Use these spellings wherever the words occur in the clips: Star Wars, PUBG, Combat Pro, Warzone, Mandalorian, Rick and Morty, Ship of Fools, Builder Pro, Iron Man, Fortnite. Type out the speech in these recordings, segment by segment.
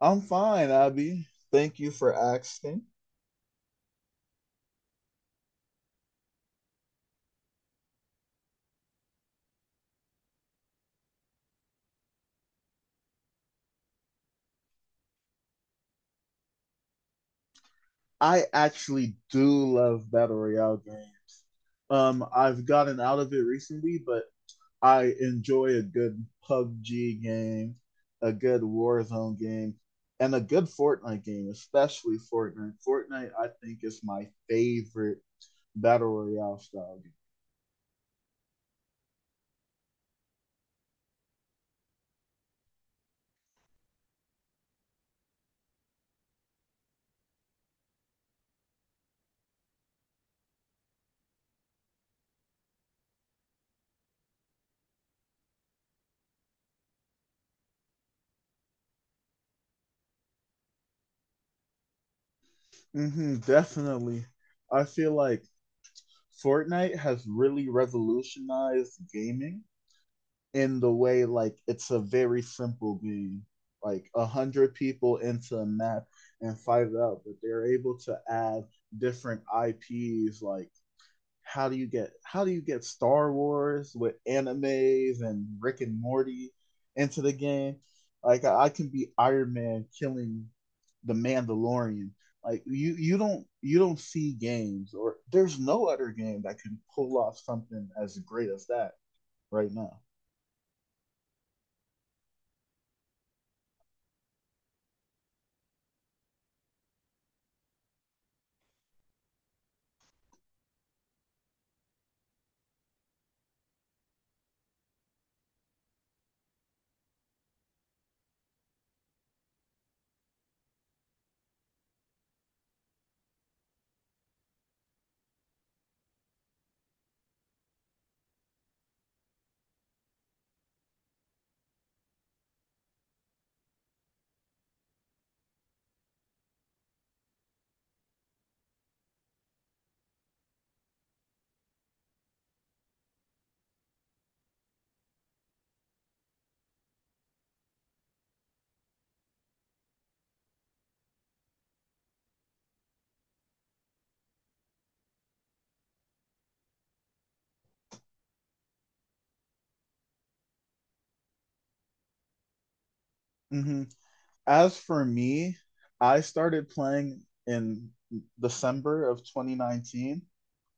I'm fine, Abby. Thank you for asking. I actually do love battle royale games. I've gotten out of it recently, but I enjoy a good PUBG game, a good Warzone game, and a good Fortnite game, especially Fortnite. Fortnite, I think, is my favorite battle royale style game. Hmm, definitely. I feel like Fortnite has really revolutionized gaming in the way like it's a very simple game like 100 people into a map and fight it out, but they're able to add different IPs. Like how do you get Star Wars with animes and Rick and Morty into the game? Like I can be Iron Man killing the Mandalorian. Like you don't see games, or there's no other game that can pull off something as great as that right now. Mm-hmm. As for me, I started playing in December of 2019.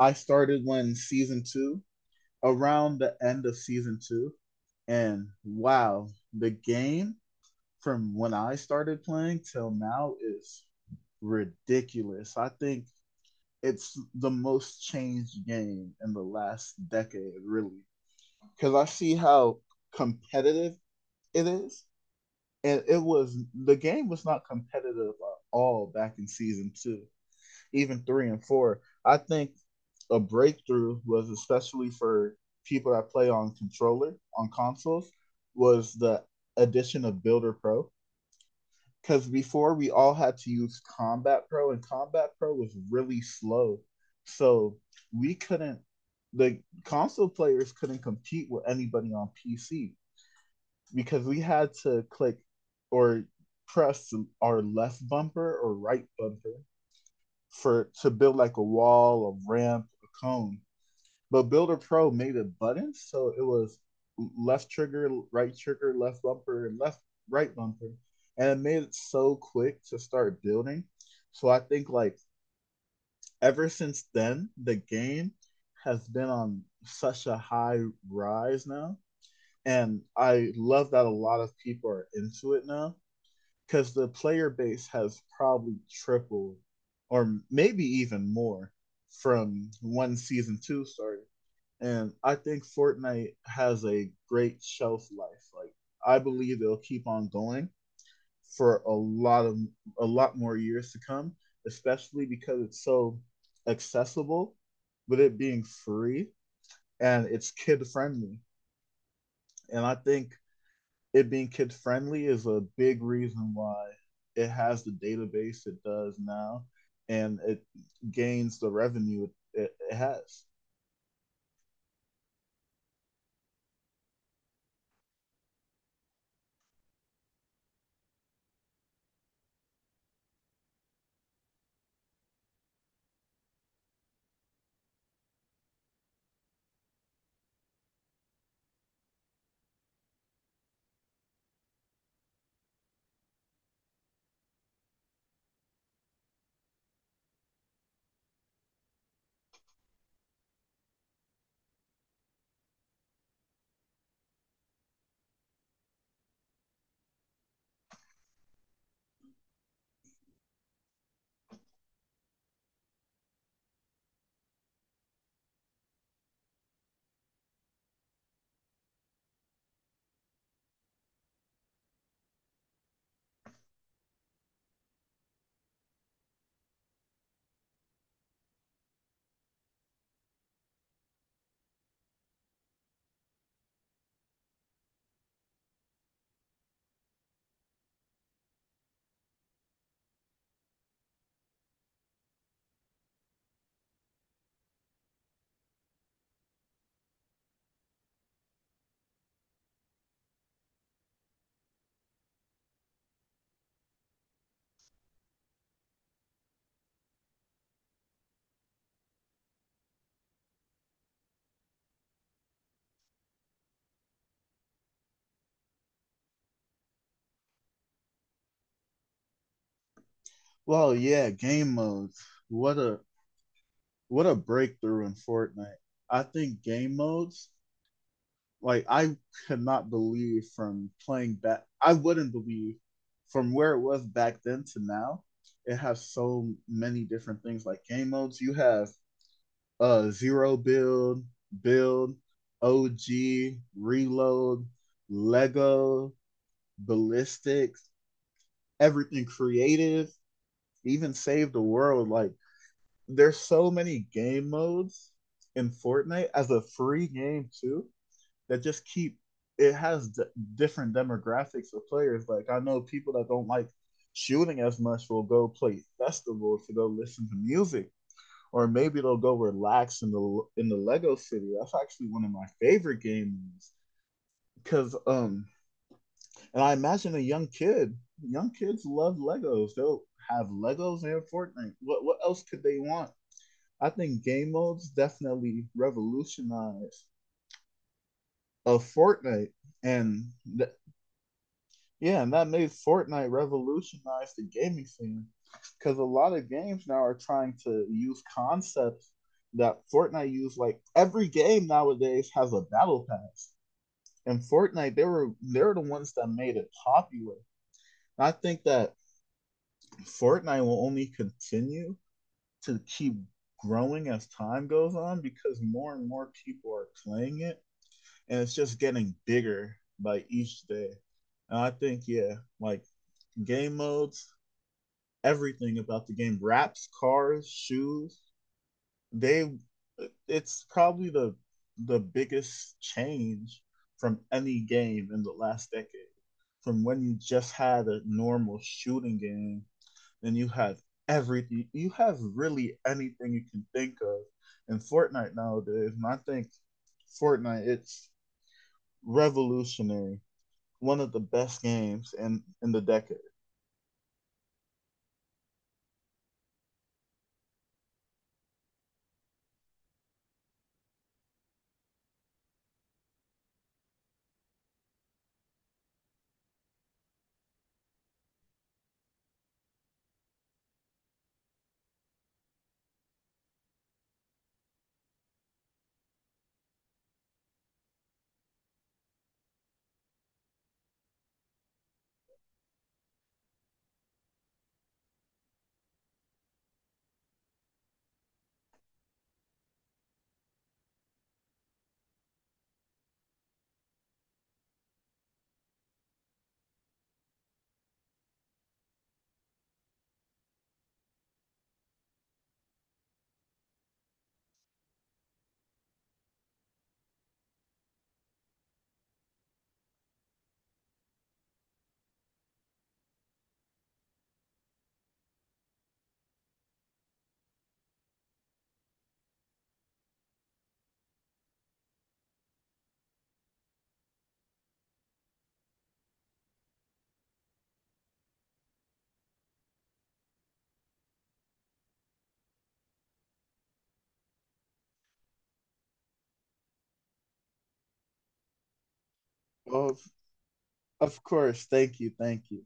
I started when season two, around the end of season two. And wow, the game from when I started playing till now is ridiculous. I think it's the most changed game in the last decade, really. Because I see how competitive it is, and it was the game was not competitive at all back in season two, even three and four. I think a breakthrough, was especially for people that play on controller on consoles, was the addition of Builder Pro. Because before we all had to use Combat Pro, and Combat Pro was really slow, so we couldn't. The console players couldn't compete with anybody on PC because we had to click or press our left bumper or right bumper for to build like a wall, a ramp, a cone. But Builder Pro made it buttons, so it was left trigger, right trigger, left bumper, and left right bumper, and it made it so quick to start building. So I think like ever since then, the game has been on such a high rise now, and I love that a lot of people are into it now because the player base has probably tripled or maybe even more from when season two started. And I think Fortnite has a great shelf life. Like I believe it will keep on going for a lot of a lot more years to come, especially because it's so accessible with it being free and it's kid friendly. And I think it being kid friendly is a big reason why it has the database it does now and it gains the revenue it has. Well, yeah, game modes. What a what a breakthrough in Fortnite. I think game modes, like I could not believe from playing back I wouldn't believe from where it was back then to now, it has so many different things like game modes. You have zero build, build, OG, reload, Lego, ballistics, everything creative, even save the world. Like there's so many game modes in Fortnite as a free game too that just keep it has different demographics of players. Like I know people that don't like shooting as much will go play festivals to go listen to music, or maybe they'll go relax in the Lego City. That's actually one of my favorite games because and I imagine a young kid, young kids love Legos. They'll have Legos and Fortnite. What else could they want? I think game modes definitely revolutionized a Fortnite, and yeah, and that made Fortnite revolutionize the gaming scene because a lot of games now are trying to use concepts that Fortnite used. Like every game nowadays has a battle pass, and Fortnite they're the ones that made it popular. And I think that Fortnite will only continue to keep growing as time goes on because more and more people are playing it, and it's just getting bigger by each day. And I think, yeah, like game modes, everything about the game, wraps, cars, shoes, they it's probably the biggest change from any game in the last decade. From when you just had a normal shooting game, then you have everything, you have really anything you can think of in Fortnite nowadays. And I think Fortnite, it's revolutionary, one of the best games in the decade. Of course, thank you, thank you.